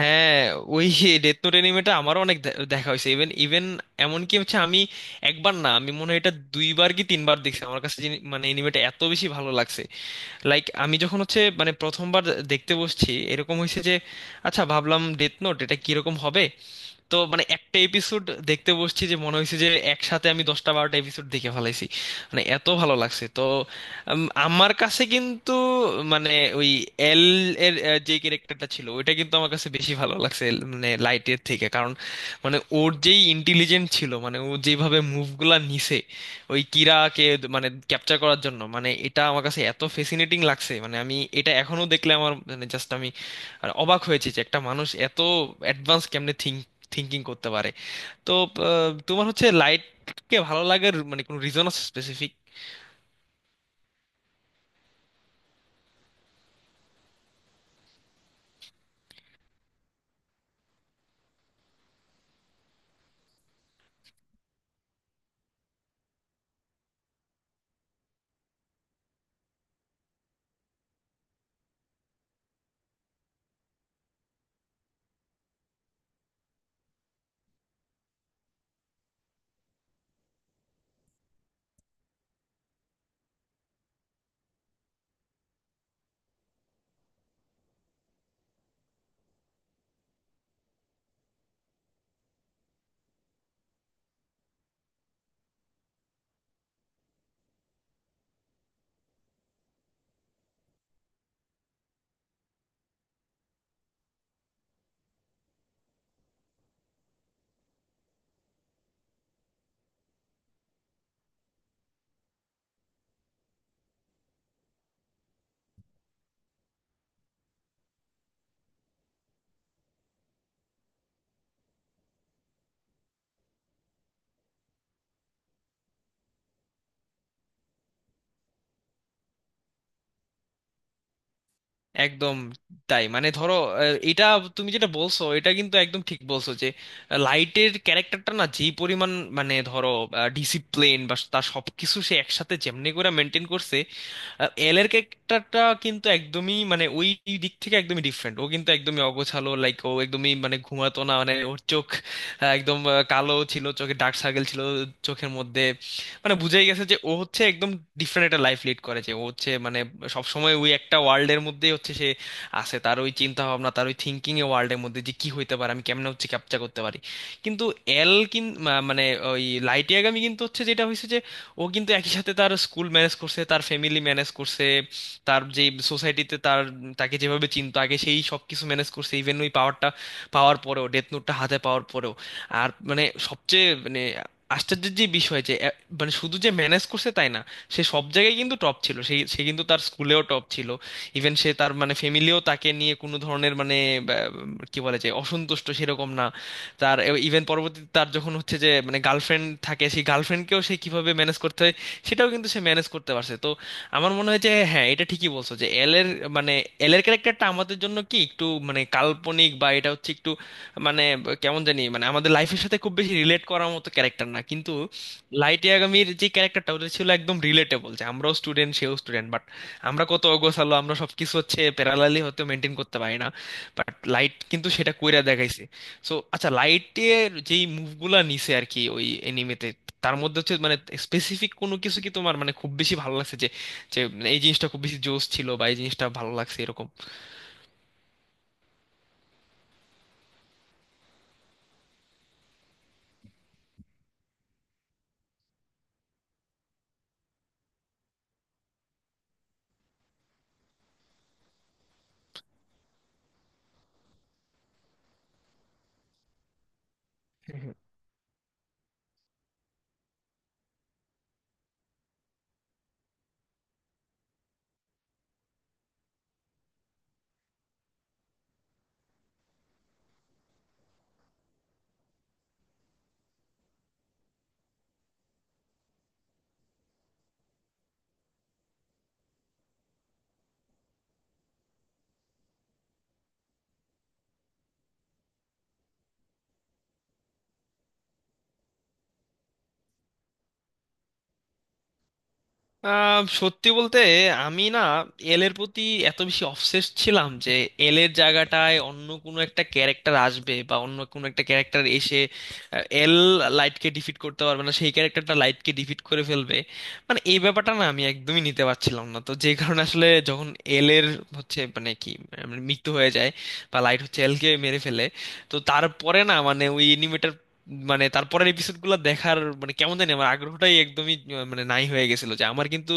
হ্যাঁ, ওই Death Note অ্যানিমেটা আমারও অনেক দেখা হয়েছে। ইভেন ইভেন এমনকি হচ্ছে আমি একবার না, আমি মনে হয় এটা দুইবার কি তিনবার দেখছি। আমার কাছে মানে অ্যানিমেটা এত বেশি ভালো লাগছে। লাইক আমি যখন হচ্ছে মানে প্রথমবার দেখতে বসছি, এরকম হয়েছে যে আচ্ছা, ভাবলাম ডেথ নোট এটা কিরকম হবে। তো মানে একটা এপিসোড দেখতে বসছি, যে মনে হয়েছে যে একসাথে আমি দশটা বারোটা এপিসোড দেখে ফেলাইছি, মানে এত ভালো লাগছে। তো আমার কাছে কিন্তু মানে ওই এল এর যে ক্যারেক্টারটা ছিল, ওইটা কিন্তু আমার কাছে বেশি ভালো লাগছে মানে লাইটের থেকে। কারণ মানে ওর যেই ইন্টেলিজেন্ট ছিল, মানে ও যেভাবে মুভগুলা নিছে ওই কিরাকে মানে ক্যাপচার করার জন্য, মানে এটা আমার কাছে এত ফেসিনেটিং লাগছে। মানে আমি এটা এখনো দেখলে আমার মানে জাস্ট আমি আর অবাক হয়েছি যে একটা মানুষ এত অ্যাডভান্স কেমনে থিঙ্কিং করতে পারে। তো তোমার হচ্ছে লাইটকে ভালো লাগার মানে কোনো রিজন আছে স্পেসিফিক? একদম। তাই মানে ধরো এটা তুমি যেটা বলছো, এটা কিন্তু একদম ঠিক বলছো যে লাইটের ক্যারেক্টারটা না যেই পরিমাণ মানে ধরো ডিসিপ্লিন বা তার সবকিছু সে একসাথে যেমনি করে মেনটেন করছে, এল এর ক্যারেক্টারটা কিন্তু একদমই মানে ওই দিক থেকে একদমই ডিফারেন্ট। ও কিন্তু একদমই অগোছালো, লাইক ও একদমই মানে ঘুমাতো না। মানে ওর চোখ একদম কালো ছিল, চোখে ডার্ক সার্কেল ছিল চোখের মধ্যে। মানে বুঝাই গেছে যে ও হচ্ছে একদম ডিফারেন্ট একটা লাইফ লিড করেছে। ও হচ্ছে মানে সব সময় ওই একটা ওয়ার্ল্ডের মধ্যেই হচ্ছে সে আছে, তার ওই চিন্তা ভাবনা, তার ওই থিঙ্কিং এ ওয়ার্ল্ডের মধ্যে যে কি হইতে পারে, আমি কেমনে হচ্ছে ক্যাপচার করতে পারি। কিন্তু এল মানে ওই লাইটিয়াগামি কিন্তু হচ্ছে যেটা হয়েছে, ও কিন্তু একই সাথে তার স্কুল ম্যানেজ করছে, তার ফ্যামিলি ম্যানেজ করছে, তার যে সোসাইটিতে তার তাকে যেভাবে চিনতো আগে সেই সব কিছু ম্যানেজ করছে ইভেন ওই পাওয়ারটা পাওয়ার পরেও, ডেথ নোটটা হাতে পাওয়ার পরেও। আর মানে সবচেয়ে মানে আশ্চর্যের যে বিষয় যে মানে শুধু যে ম্যানেজ করছে তাই না, সে সব জায়গায় কিন্তু টপ ছিল। সে সে কিন্তু তার স্কুলেও টপ ছিল। ইভেন সে তার মানে ফ্যামিলিও তাকে নিয়ে কোনো ধরনের মানে বা, কি বলে যে অসন্তুষ্ট সেরকম না তার। ইভেন পরবর্তীতে তার যখন হচ্ছে যে মানে গার্লফ্রেন্ড থাকে, সেই গার্লফ্রেন্ডকেও সে কিভাবে ম্যানেজ করতে হয় সেটাও কিন্তু সে ম্যানেজ করতে পারছে। তো আমার মনে হয় যে হ্যাঁ, এটা ঠিকই বলছো যে এল এর মানে এল এর ক্যারেক্টারটা আমাদের জন্য কি একটু মানে কাল্পনিক বা এটা হচ্ছে একটু মানে কেমন জানি মানে আমাদের লাইফের সাথে খুব বেশি রিলেট করার মতো ক্যারেক্টার না। কিন্তু লাইট ইয়াগামির যে ক্যারেক্টারটা ওটা ছিল একদম রিলেটেবল, যে আমরাও স্টুডেন্ট সেও স্টুডেন্ট, বাট আমরা কত অগোছালো, আমরা সবকিছু হচ্ছে প্যারালালি হয়তো মেনটেন করতে পারি না, বাট লাইট কিন্তু সেটা কইরা দেখাইছে। সো আচ্ছা, লাইটের যেই মুভগুলা নিছে আর কি ওই এনিমেতে, তার মধ্যে হচ্ছে মানে স্পেসিফিক কোনো কিছু কি তোমার মানে খুব বেশি ভালো লাগছে, যে যে এই জিনিসটা খুব বেশি জোশ ছিল বা এই জিনিসটা ভালো লাগছে এরকম? সত্যি বলতে আমি না এল এর প্রতি এত বেশি অবসেসড ছিলাম যে এল এর জায়গাটায় অন্য কোনো একটা ক্যারেক্টার আসবে বা অন্য কোনো একটা ক্যারেক্টার এসে এল লাইটকে ডিফিট করতে পারবে না, সেই ক্যারেক্টারটা লাইটকে ডিফিট করে ফেলবে, মানে এই ব্যাপারটা না আমি একদমই নিতে পারছিলাম না। তো যে কারণে আসলে যখন এল এর হচ্ছে মানে কি মানে মৃত্যু হয়ে যায় বা লাইট হচ্ছে এলকে মেরে ফেলে, তো তারপরে না মানে ওই অ্যানিমেটার মানে তারপরের এপিসোড গুলো দেখার মানে কেমন জানি আমার আগ্রহটাই একদমই মানে নাই হয়ে গেছিল। যে আমার কিন্তু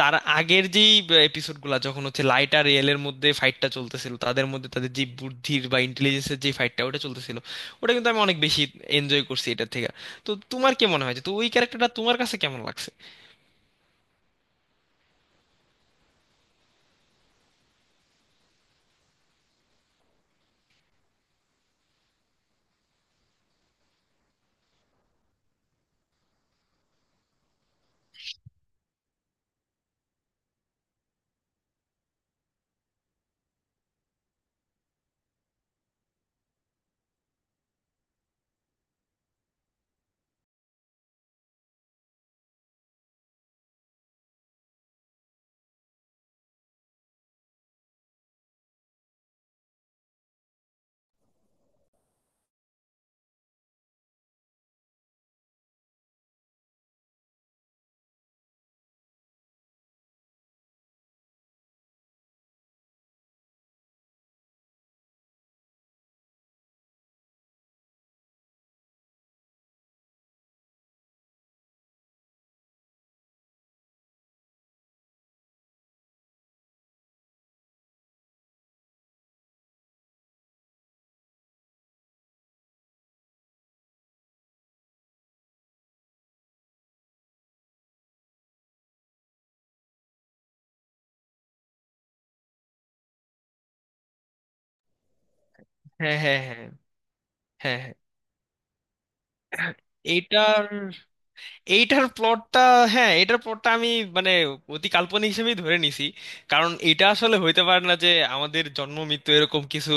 তার আগের যেই এপিসোড গুলা যখন হচ্ছে লাইট আর রিয়েলের মধ্যে ফাইটটা চলতেছিল, তাদের মধ্যে তাদের যে বুদ্ধির বা ইন্টেলিজেন্সের যে ফাইটটা ওটা চলতেছিল, ওটা কিন্তু আমি অনেক বেশি এনজয় করছি এটার থেকে। তো তোমার কি মনে হয় যে তো ওই ক্যারেক্টারটা তোমার কাছে কেমন লাগছে? হ্যাঁ, হ্যাঁ, হ্যাঁ। হ্যাঁ, হ্যাঁ। এটার এইটার প্লটটা, হ্যাঁ, এটার প্লটটা আমি মানে অতি কাল্পনিক হিসেবেই ধরে নিছি। কারণ এটা আসলে হইতে পারে না যে আমাদের জন্ম মৃত্যু এরকম কিছু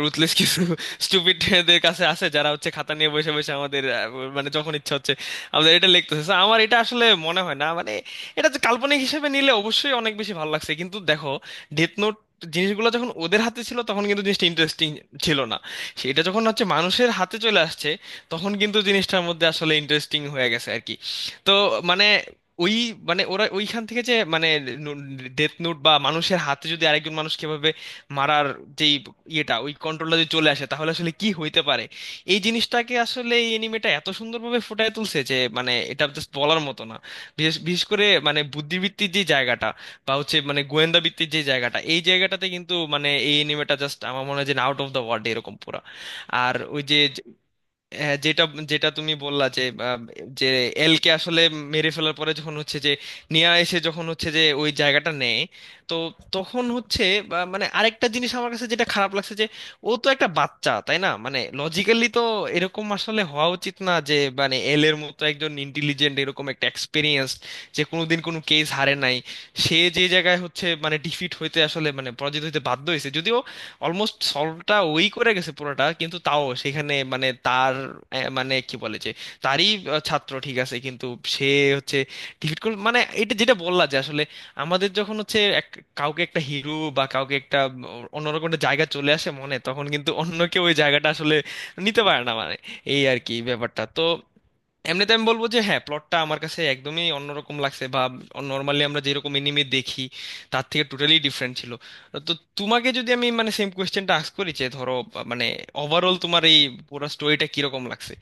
রুথলেস কিছু স্টুপিডদের কাছে আছে, যারা হচ্ছে খাতা নিয়ে বসে বসে আমাদের মানে যখন ইচ্ছা হচ্ছে আমাদের এটা লিখতেছে। So, আমার এটা আসলে মনে হয় না মানে এটা যে। কাল্পনিক হিসেবে নিলে অবশ্যই অনেক বেশি ভালো লাগছে কিন্তু দেখো ডেথ নোট জিনিসগুলো যখন ওদের হাতে ছিল তখন কিন্তু জিনিসটা ইন্টারেস্টিং ছিল না। সেটা যখন হচ্ছে মানুষের হাতে চলে আসছে, তখন কিন্তু জিনিসটার মধ্যে আসলে ইন্টারেস্টিং হয়ে গেছে আর কি। তো মানে ওই মানে ওরা ওইখান থেকে যে মানে ডেথ নোট বা মানুষের হাতে যদি আরেকজন মানুষ কিভাবে মারার যেই ইয়েটা ওই কন্ট্রোলটা যদি চলে আসে তাহলে আসলে কি হইতে পারে, এই জিনিসটাকে আসলে এই এনিমেটা এত সুন্দরভাবে ফুটায় তুলছে যে মানে এটা জাস্ট বলার মতো না। বিশেষ বিশেষ করে মানে বুদ্ধিবৃত্তির যে জায়গাটা বা হচ্ছে মানে গোয়েন্দা ভিত্তির যে জায়গাটা, এই জায়গাটাতে কিন্তু মানে এই এনিমেটা জাস্ট আমার মনে হয় যে আউট অফ দ্য ওয়ার্ল্ড এরকম পুরা। আর ওই যে হ্যাঁ, যেটা যেটা তুমি বললা যে আহ, যে এলকে আসলে মেরে ফেলার পরে যখন হচ্ছে যে নিয়া এসে যখন হচ্ছে যে ওই জায়গাটা নেয়, তো তখন হচ্ছে বা মানে আরেকটা জিনিস আমার কাছে যেটা খারাপ লাগছে যে ও তো একটা বাচ্চা তাই না, মানে লজিক্যালি তো এরকম আসলে হওয়া উচিত না যে মানে এল এর মতো একজন ইন্টেলিজেন্ট এরকম একটা এক্সপিরিয়েন্স, যে কোনোদিন কোনো কেস হারে নাই, সে যে জায়গায় হচ্ছে মানে ডিফিট হইতে আসলে মানে পরাজিত হইতে বাধ্য হয়েছে, যদিও অলমোস্ট সলভটা ওই করে গেছে পুরোটা কিন্তু তাও সেখানে মানে তার মানে কি বলে যে তারই ছাত্র, ঠিক আছে কিন্তু সে হচ্ছে ডিফিট করল। মানে এটা যেটা বললা যে আসলে আমাদের যখন হচ্ছে এক কাউকে একটা হিরো বা কাউকে একটা অন্যরকম একটা জায়গা চলে আসে মনে, তখন কিন্তু অন্য কেউ ওই জায়গাটা আসলে নিতে পারে না মানে, এই আর কি ব্যাপারটা। তো এমনিতে আমি বলবো যে হ্যাঁ, প্লটটা আমার কাছে একদমই অন্যরকম লাগছে বা নর্মালি আমরা যেরকম এনিমে দেখি তার থেকে টোটালি ডিফারেন্ট ছিল। তো তোমাকে যদি আমি মানে সেম কোয়েশ্চেনটা আস্ক করি যে ধরো বা মানে ওভারঅল তোমার এই পুরো স্টোরিটা কিরকম লাগছে?